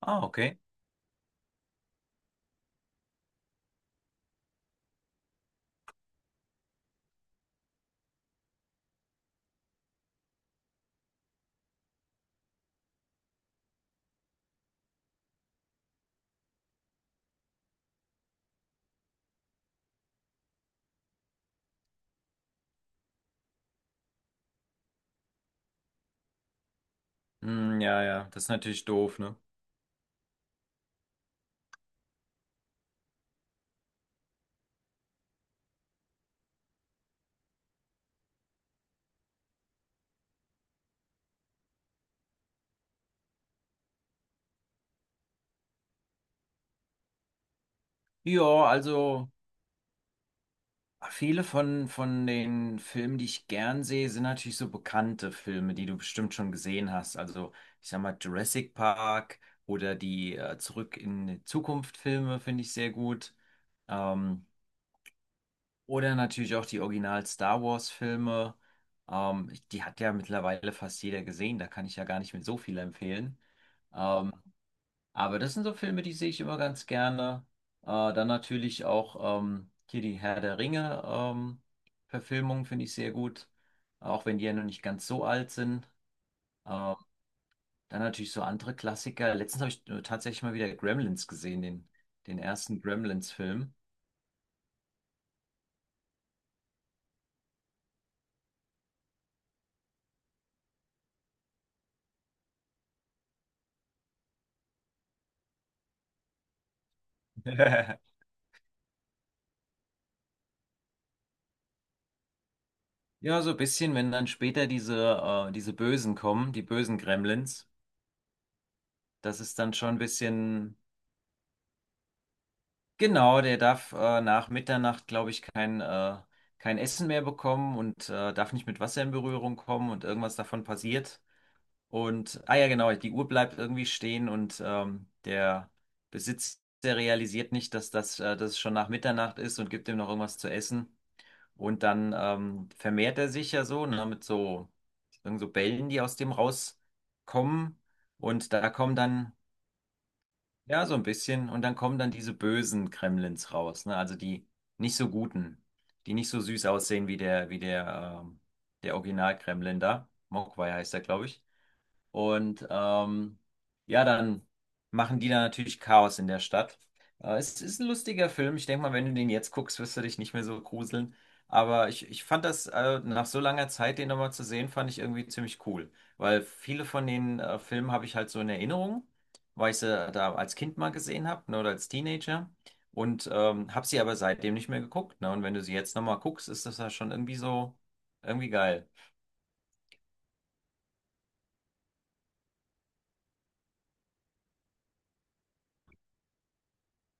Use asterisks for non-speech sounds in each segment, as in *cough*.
Ah, okay. Hm, ja, ja, das ist natürlich doof, ne? Ja, also viele von den Filmen, die ich gern sehe, sind natürlich so bekannte Filme, die du bestimmt schon gesehen hast. Also, ich sag mal, Jurassic Park oder die Zurück in die Zukunft Filme finde ich sehr gut. Ähm, oder natürlich auch die Original Star Wars Filme. Die hat ja mittlerweile fast jeder gesehen, da kann ich ja gar nicht mehr so viel empfehlen. Ähm, Aber das sind so Filme, die sehe ich immer ganz gerne. Äh, Dann natürlich auch hier die Herr der Ringe Verfilmung finde ich sehr gut, auch wenn die ja noch nicht ganz so alt sind. Ähm, Dann natürlich so andere Klassiker. Letztens habe ich tatsächlich mal wieder Gremlins gesehen, den ersten Gremlins-Film. *laughs* Ja, so ein bisschen, wenn dann später diese Bösen kommen, die bösen Gremlins, das ist dann schon ein bisschen. Genau, der darf nach Mitternacht, glaube ich, kein Essen mehr bekommen und darf nicht mit Wasser in Berührung kommen, und irgendwas davon passiert. Und, ah ja, genau, die Uhr bleibt irgendwie stehen und der Besitzer realisiert nicht, dass es schon nach Mitternacht ist, und gibt ihm noch irgendwas zu essen. Und dann vermehrt er sich ja so, ne, mit so, irgend so Bällen, die aus dem rauskommen. Und da kommen dann. Ja, so ein bisschen. Und dann kommen dann diese bösen Kremlins raus, ne? Also die nicht so guten, die nicht so süß aussehen wie wie der, der Original-Kremlin da. Mogwai heißt er, glaube ich. Und ja, dann machen die da natürlich Chaos in der Stadt. Es ist ein lustiger Film. Ich denke mal, wenn du den jetzt guckst, wirst du dich nicht mehr so gruseln. Aber ich fand das, nach so langer Zeit, den nochmal zu sehen, fand ich irgendwie ziemlich cool. Weil viele von den Filmen habe ich halt so in Erinnerung, weil ich sie da als Kind mal gesehen habe, ne, oder als Teenager. Und habe sie aber seitdem nicht mehr geguckt. Ne? Und wenn du sie jetzt nochmal guckst, ist das ja schon irgendwie so, irgendwie geil.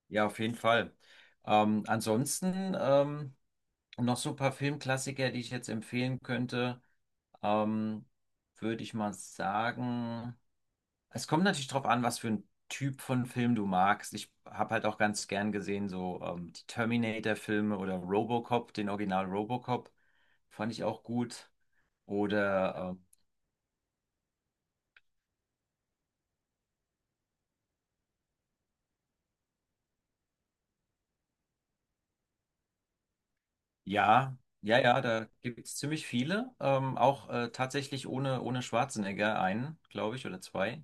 Ja, auf jeden Fall. Ansonsten noch so ein paar Filmklassiker, die ich jetzt empfehlen könnte, ähm, würde ich mal sagen. Es kommt natürlich drauf an, was für ein Typ von Film du magst. Ich habe halt auch ganz gern gesehen, so die Terminator-Filme oder Robocop, den Original Robocop, fand ich auch gut. Oder ja, ja, ja, da gibt es ziemlich viele. Auch tatsächlich ohne Schwarzenegger einen, glaube ich, oder zwei.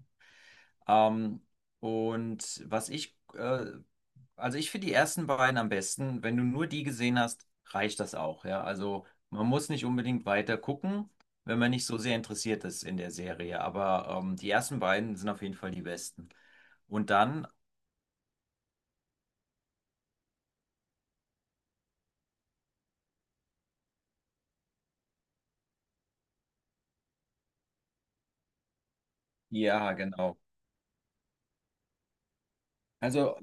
Ähm, und was ich, also ich finde die ersten beiden am besten. Wenn du nur die gesehen hast, reicht das auch, ja. Also man muss nicht unbedingt weiter gucken, wenn man nicht so sehr interessiert ist in der Serie. Aber die ersten beiden sind auf jeden Fall die besten. Und dann, ja, genau. Also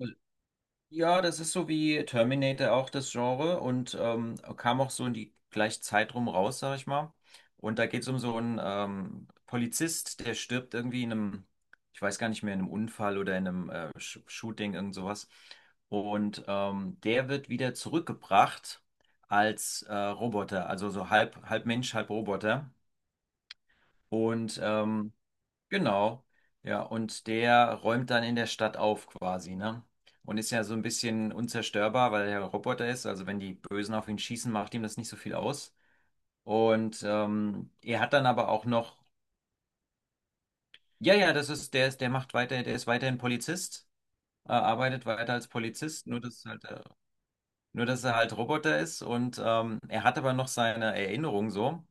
ja, das ist so wie Terminator auch das Genre, und kam auch so in die gleiche Zeit rum raus, sag ich mal. Und da geht es um so einen Polizist, der stirbt irgendwie in einem, ich weiß gar nicht mehr, in einem Unfall oder in einem Sh Shooting, irgend sowas. Und der wird wieder zurückgebracht als Roboter, also so halb, halb Mensch, halb Roboter. Und genau, ja, und der räumt dann in der Stadt auf quasi, ne? Und ist ja so ein bisschen unzerstörbar, weil er ein Roboter ist. Also wenn die Bösen auf ihn schießen, macht ihm das nicht so viel aus. Und er hat dann aber auch noch, ja, ja, das ist, der macht weiter, der ist weiterhin Polizist, arbeitet weiter als Polizist, nur dass halt, nur dass er halt Roboter ist, und er hat aber noch seine Erinnerung so.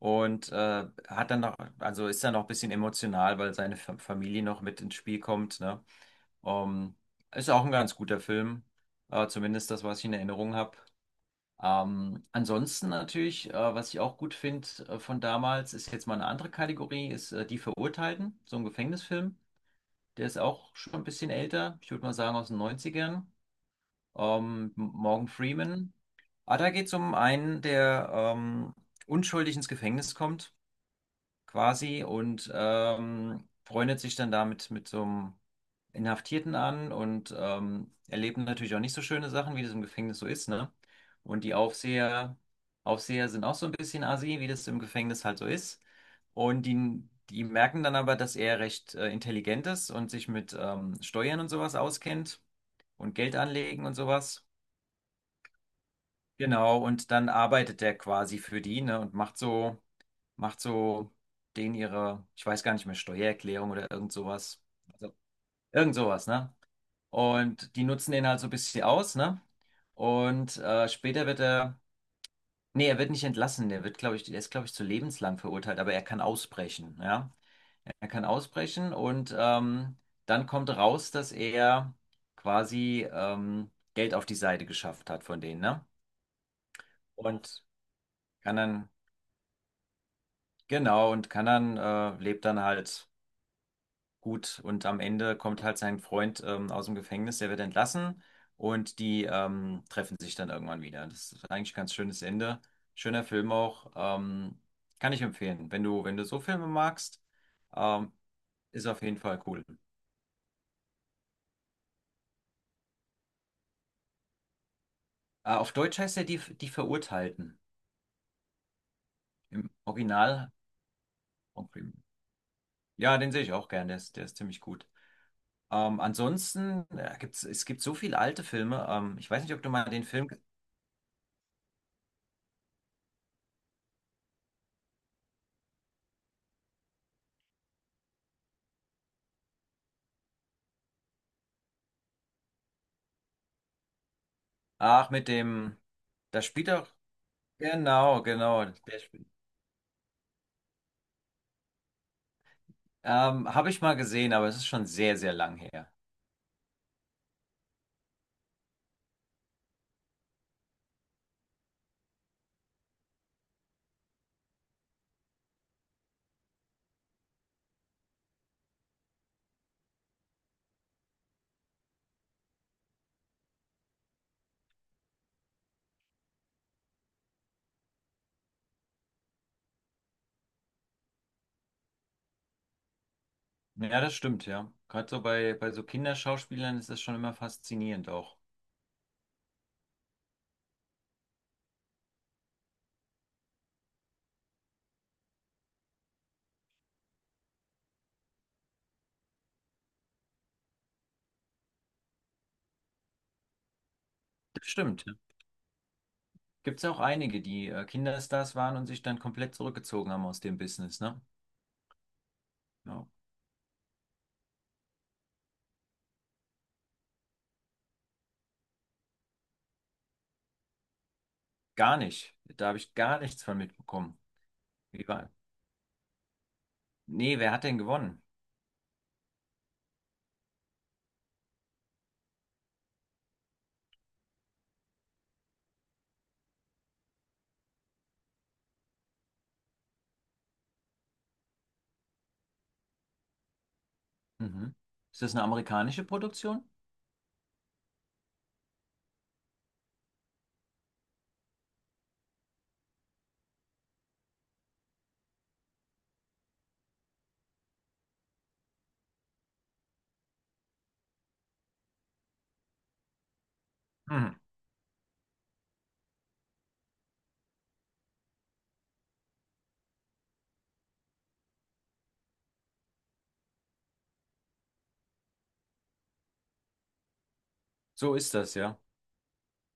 Und hat dann noch, also ist dann noch ein bisschen emotional, weil seine Familie noch mit ins Spiel kommt, ne? Ähm, ist auch ein ganz guter Film, zumindest das, was ich in Erinnerung habe. Ansonsten natürlich, was ich auch gut finde von damals, ist jetzt mal eine andere Kategorie, ist Die Verurteilten, so ein Gefängnisfilm. Der ist auch schon ein bisschen älter, ich würde mal sagen aus den Neunzigern. Morgan Freeman. Ah, da geht es um einen, der unschuldig ins Gefängnis kommt, quasi, und freundet sich dann damit mit so einem Inhaftierten an, und erleben natürlich auch nicht so schöne Sachen, wie das im Gefängnis so ist, ne? Und Aufseher sind auch so ein bisschen assi, wie das im Gefängnis halt so ist. Und die merken dann aber, dass er recht intelligent ist und sich mit Steuern und sowas auskennt, und Geld anlegen und sowas. Genau, und dann arbeitet der quasi für die, ne, und macht so denen ihre, ich weiß gar nicht mehr, Steuererklärung oder irgend sowas. Also irgend sowas, ne? Und die nutzen den halt so ein bisschen aus, ne? Und später wird er, nee, er wird nicht entlassen, der wird, glaube ich, der ist, glaube ich, zu lebenslang verurteilt, aber er kann ausbrechen, ja. Er kann ausbrechen, und dann kommt raus, dass er quasi Geld auf die Seite geschafft hat von denen, ne? Und kann dann, genau, und kann dann, lebt dann halt. Gut, und am Ende kommt halt sein Freund aus dem Gefängnis, der wird entlassen, und die treffen sich dann irgendwann wieder. Das ist eigentlich ein ganz schönes Ende. Schöner Film auch. Kann ich empfehlen. Wenn du so Filme magst, ähm, ist auf jeden Fall cool. Auf Deutsch heißt er die Verurteilten. Im Original. Ja, den sehe ich auch gern. Der ist ziemlich gut. Ansonsten gibt's, es gibt so viele alte Filme. Ich weiß nicht, ob du mal den Film. Ach, mit dem. Da spielt er. Genau, genau. Der Spiel. Habe ich mal gesehen, aber es ist schon sehr, sehr lang her. Ja, das stimmt, ja. Gerade so bei so Kinderschauspielern ist das schon immer faszinierend auch. Das stimmt, ja. Gibt es auch einige, die Kinderstars waren und sich dann komplett zurückgezogen haben aus dem Business, ne? Ja. Gar nicht. Da habe ich gar nichts von mitbekommen. Wie war? Nee, wer hat denn gewonnen? Mhm. Ist das eine amerikanische Produktion? Mhm. So ist das, ja.